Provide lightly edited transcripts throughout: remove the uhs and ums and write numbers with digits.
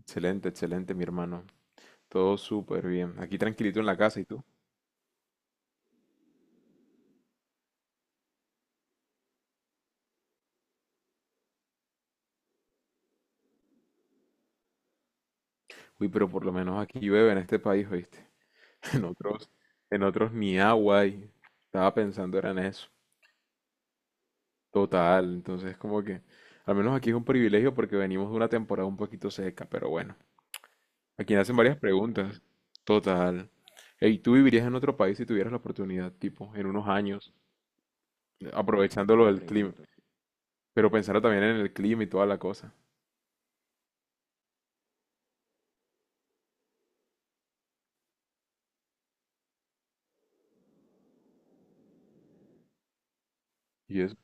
Excelente, excelente, mi hermano. Todo súper bien. Aquí tranquilito en la casa, ¿y tú? Uy, pero por lo menos aquí llueve en este país, ¿oíste? En otros, en otros ni agua hay. Estaba pensando era en eso. Total, entonces como que, al menos aquí es un privilegio porque venimos de una temporada un poquito seca, pero bueno. Aquí hacen varias preguntas. Total. ¿Y tú vivirías en otro país si tuvieras la oportunidad, tipo, en unos años, aprovechando lo del clima? Pero pensando también en el clima y toda la cosa. Y es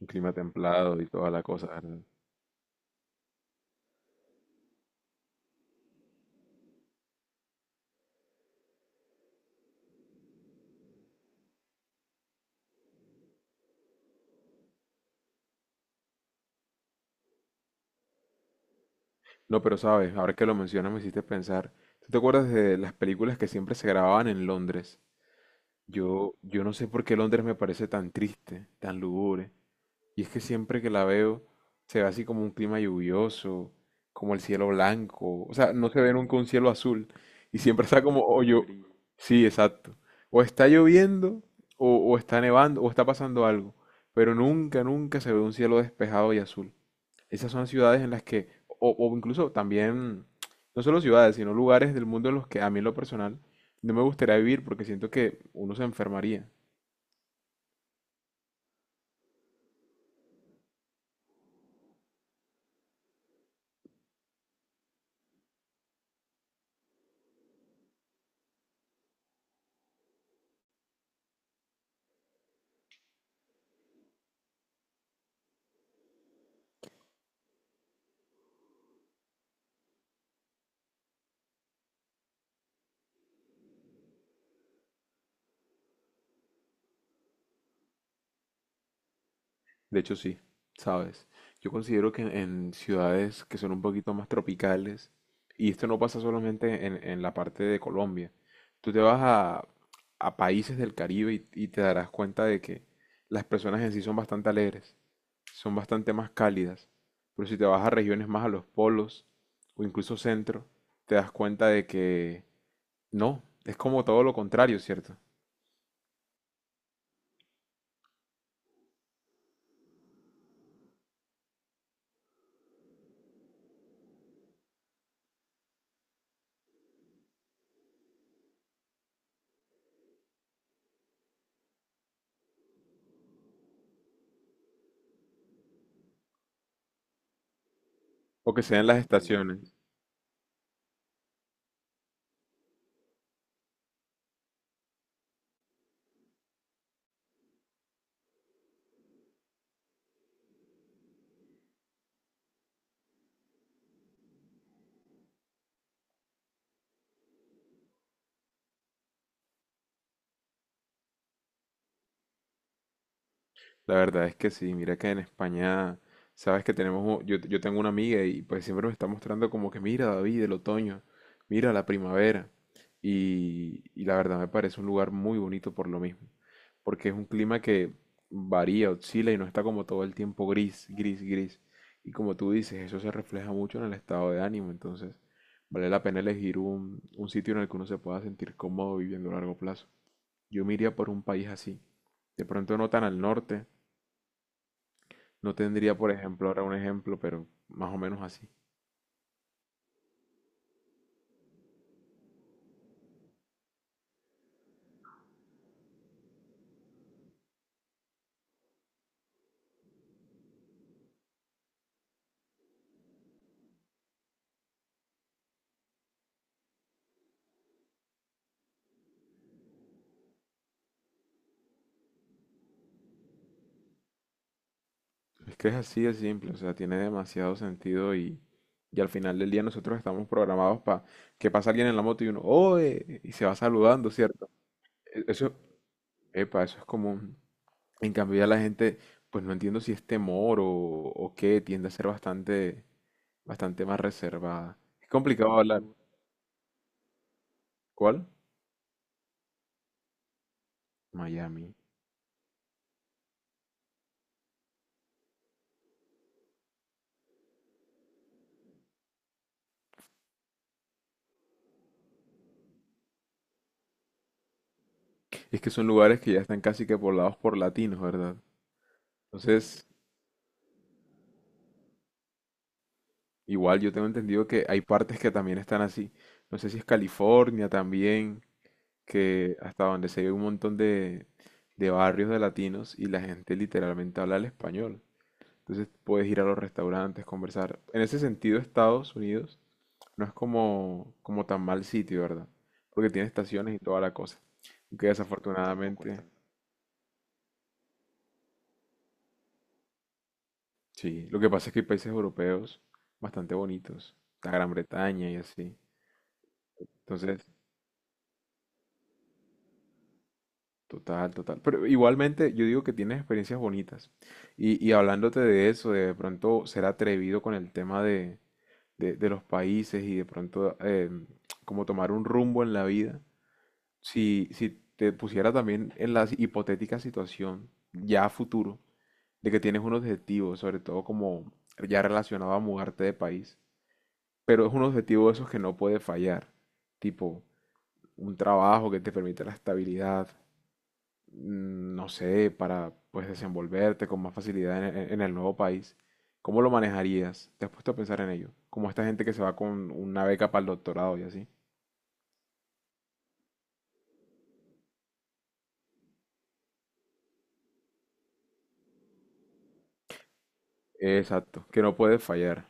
un clima templado y toda la cosa. No, pero sabes, ahora que lo mencionas me hiciste pensar. ¿Tú te acuerdas de las películas que siempre se grababan en Londres? Yo no sé por qué Londres me parece tan triste, tan lúgubre. Y es que siempre que la veo se ve así como un clima lluvioso, como el cielo blanco. O sea, no se ve nunca un cielo azul. Y siempre está como, sí, exacto. O está lloviendo, o está nevando, o está pasando algo. Pero nunca, nunca se ve un cielo despejado y azul. Esas son ciudades en las que, o incluso también, no solo ciudades, sino lugares del mundo en los que a mí en lo personal no me gustaría vivir porque siento que uno se enfermaría. De hecho, sí, ¿sabes? Yo considero que en ciudades que son un poquito más tropicales, y esto no pasa solamente en la parte de Colombia, tú te vas a países del Caribe y te darás cuenta de que las personas en sí son bastante alegres. Son bastante más cálidas, pero si te vas a regiones más a los polos o incluso centro, te das cuenta de que no, es como todo lo contrario, ¿cierto? O que sean las, sí, estaciones. La verdad es que sí, mira que en España, sabes que tenemos, yo tengo una amiga y pues siempre me está mostrando como que mira David, el otoño, mira la primavera. Y la verdad me parece un lugar muy bonito por lo mismo, porque es un clima que varía, oscila y no está como todo el tiempo gris, gris, gris. Y como tú dices, eso se refleja mucho en el estado de ánimo, entonces vale la pena elegir un sitio en el que uno se pueda sentir cómodo viviendo a largo plazo. Yo me iría por un país así. De pronto no tan al norte, no tendría, por ejemplo, ahora un ejemplo, pero más o menos así. Es que es así de simple, o sea, tiene demasiado sentido y al final del día nosotros estamos programados para que pasa alguien en la moto y uno, ¡oe! Y se va saludando, ¿cierto? Eso, epa, eso es común. En cambio ya la gente, pues no entiendo si es temor o qué, tiende a ser bastante, bastante más reservada. Es complicado hablar. ¿Cuál? Miami. Es que son lugares que ya están casi que poblados por latinos, ¿verdad? Entonces, igual yo tengo entendido que hay partes que también están así. No sé si es California también, que hasta donde se ve un montón de barrios de latinos y la gente literalmente habla el español. Entonces puedes ir a los restaurantes, conversar. En ese sentido, Estados Unidos no es como, como tan mal sitio, ¿verdad? Porque tiene estaciones y toda la cosa. Aunque desafortunadamente, sí. Lo que pasa es que hay países europeos bastante bonitos. La Gran Bretaña y así. Entonces, total, total. Pero igualmente yo digo que tienes experiencias bonitas. Y hablándote de eso, de pronto ser atrevido con el tema de, los países y de pronto como tomar un rumbo en la vida, si te pusiera también en la hipotética situación ya a futuro, de que tienes un objetivo, sobre todo como ya relacionado a mudarte de país, pero es un objetivo de esos que no puede fallar, tipo un trabajo que te permite la estabilidad, no sé, para pues desenvolverte con más facilidad en, en el nuevo país, ¿cómo lo manejarías? ¿Te has puesto a pensar en ello? Como esta gente que se va con una beca para el doctorado y así. Exacto, que no puede fallar.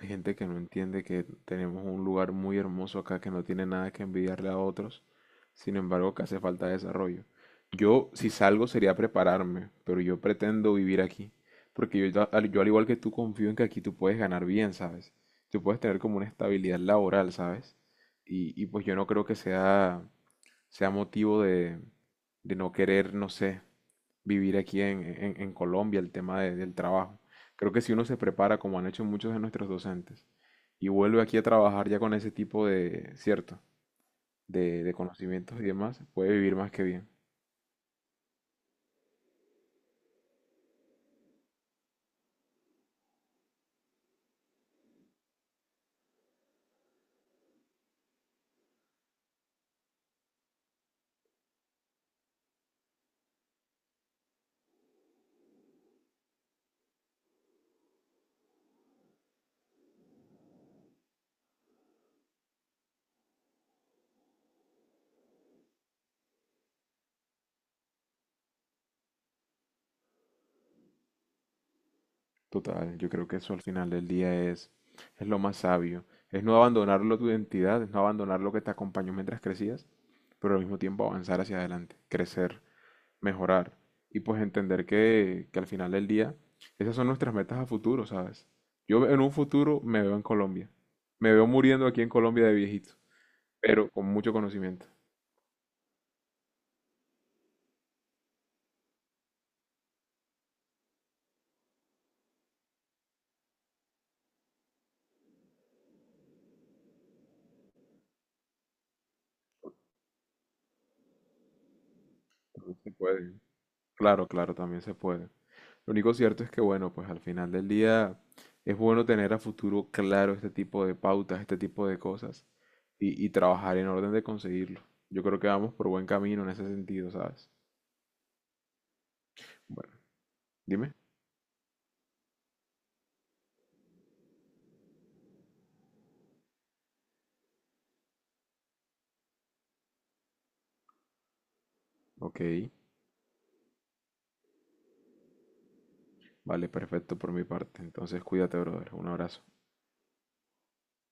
Hay gente que no entiende que tenemos un lugar muy hermoso acá que no tiene nada que envidiarle a otros, sin embargo que hace falta desarrollo. Yo, si salgo, sería prepararme, pero yo pretendo vivir aquí, porque yo, yo al igual que tú confío en que aquí tú puedes ganar bien, ¿sabes? Tú puedes tener como una estabilidad laboral, ¿sabes? Y pues yo no creo que sea motivo de no querer, no sé, vivir aquí en, en Colombia, el tema del trabajo. Creo que si uno se prepara, como han hecho muchos de nuestros docentes, y vuelve aquí a trabajar ya con ese tipo de, cierto, de conocimientos y demás, puede vivir más que bien. Total, yo creo que eso al final del día es lo más sabio. Es no abandonarlo tu identidad, es no abandonar lo que te acompañó mientras crecías, pero al mismo tiempo avanzar hacia adelante, crecer, mejorar y pues entender que, al final del día esas son nuestras metas a futuro, ¿sabes? Yo en un futuro me veo en Colombia, me veo muriendo aquí en Colombia de viejito, pero con mucho conocimiento. También se puede. Claro, claro, también se puede. Lo único cierto es que, bueno, pues al final del día es bueno tener a futuro claro este tipo de pautas, este tipo de cosas y trabajar en orden de conseguirlo. Yo creo que vamos por buen camino en ese sentido, ¿sabes? Bueno, dime. Ok. Vale, perfecto por mi parte. Entonces, cuídate, brother. Un abrazo.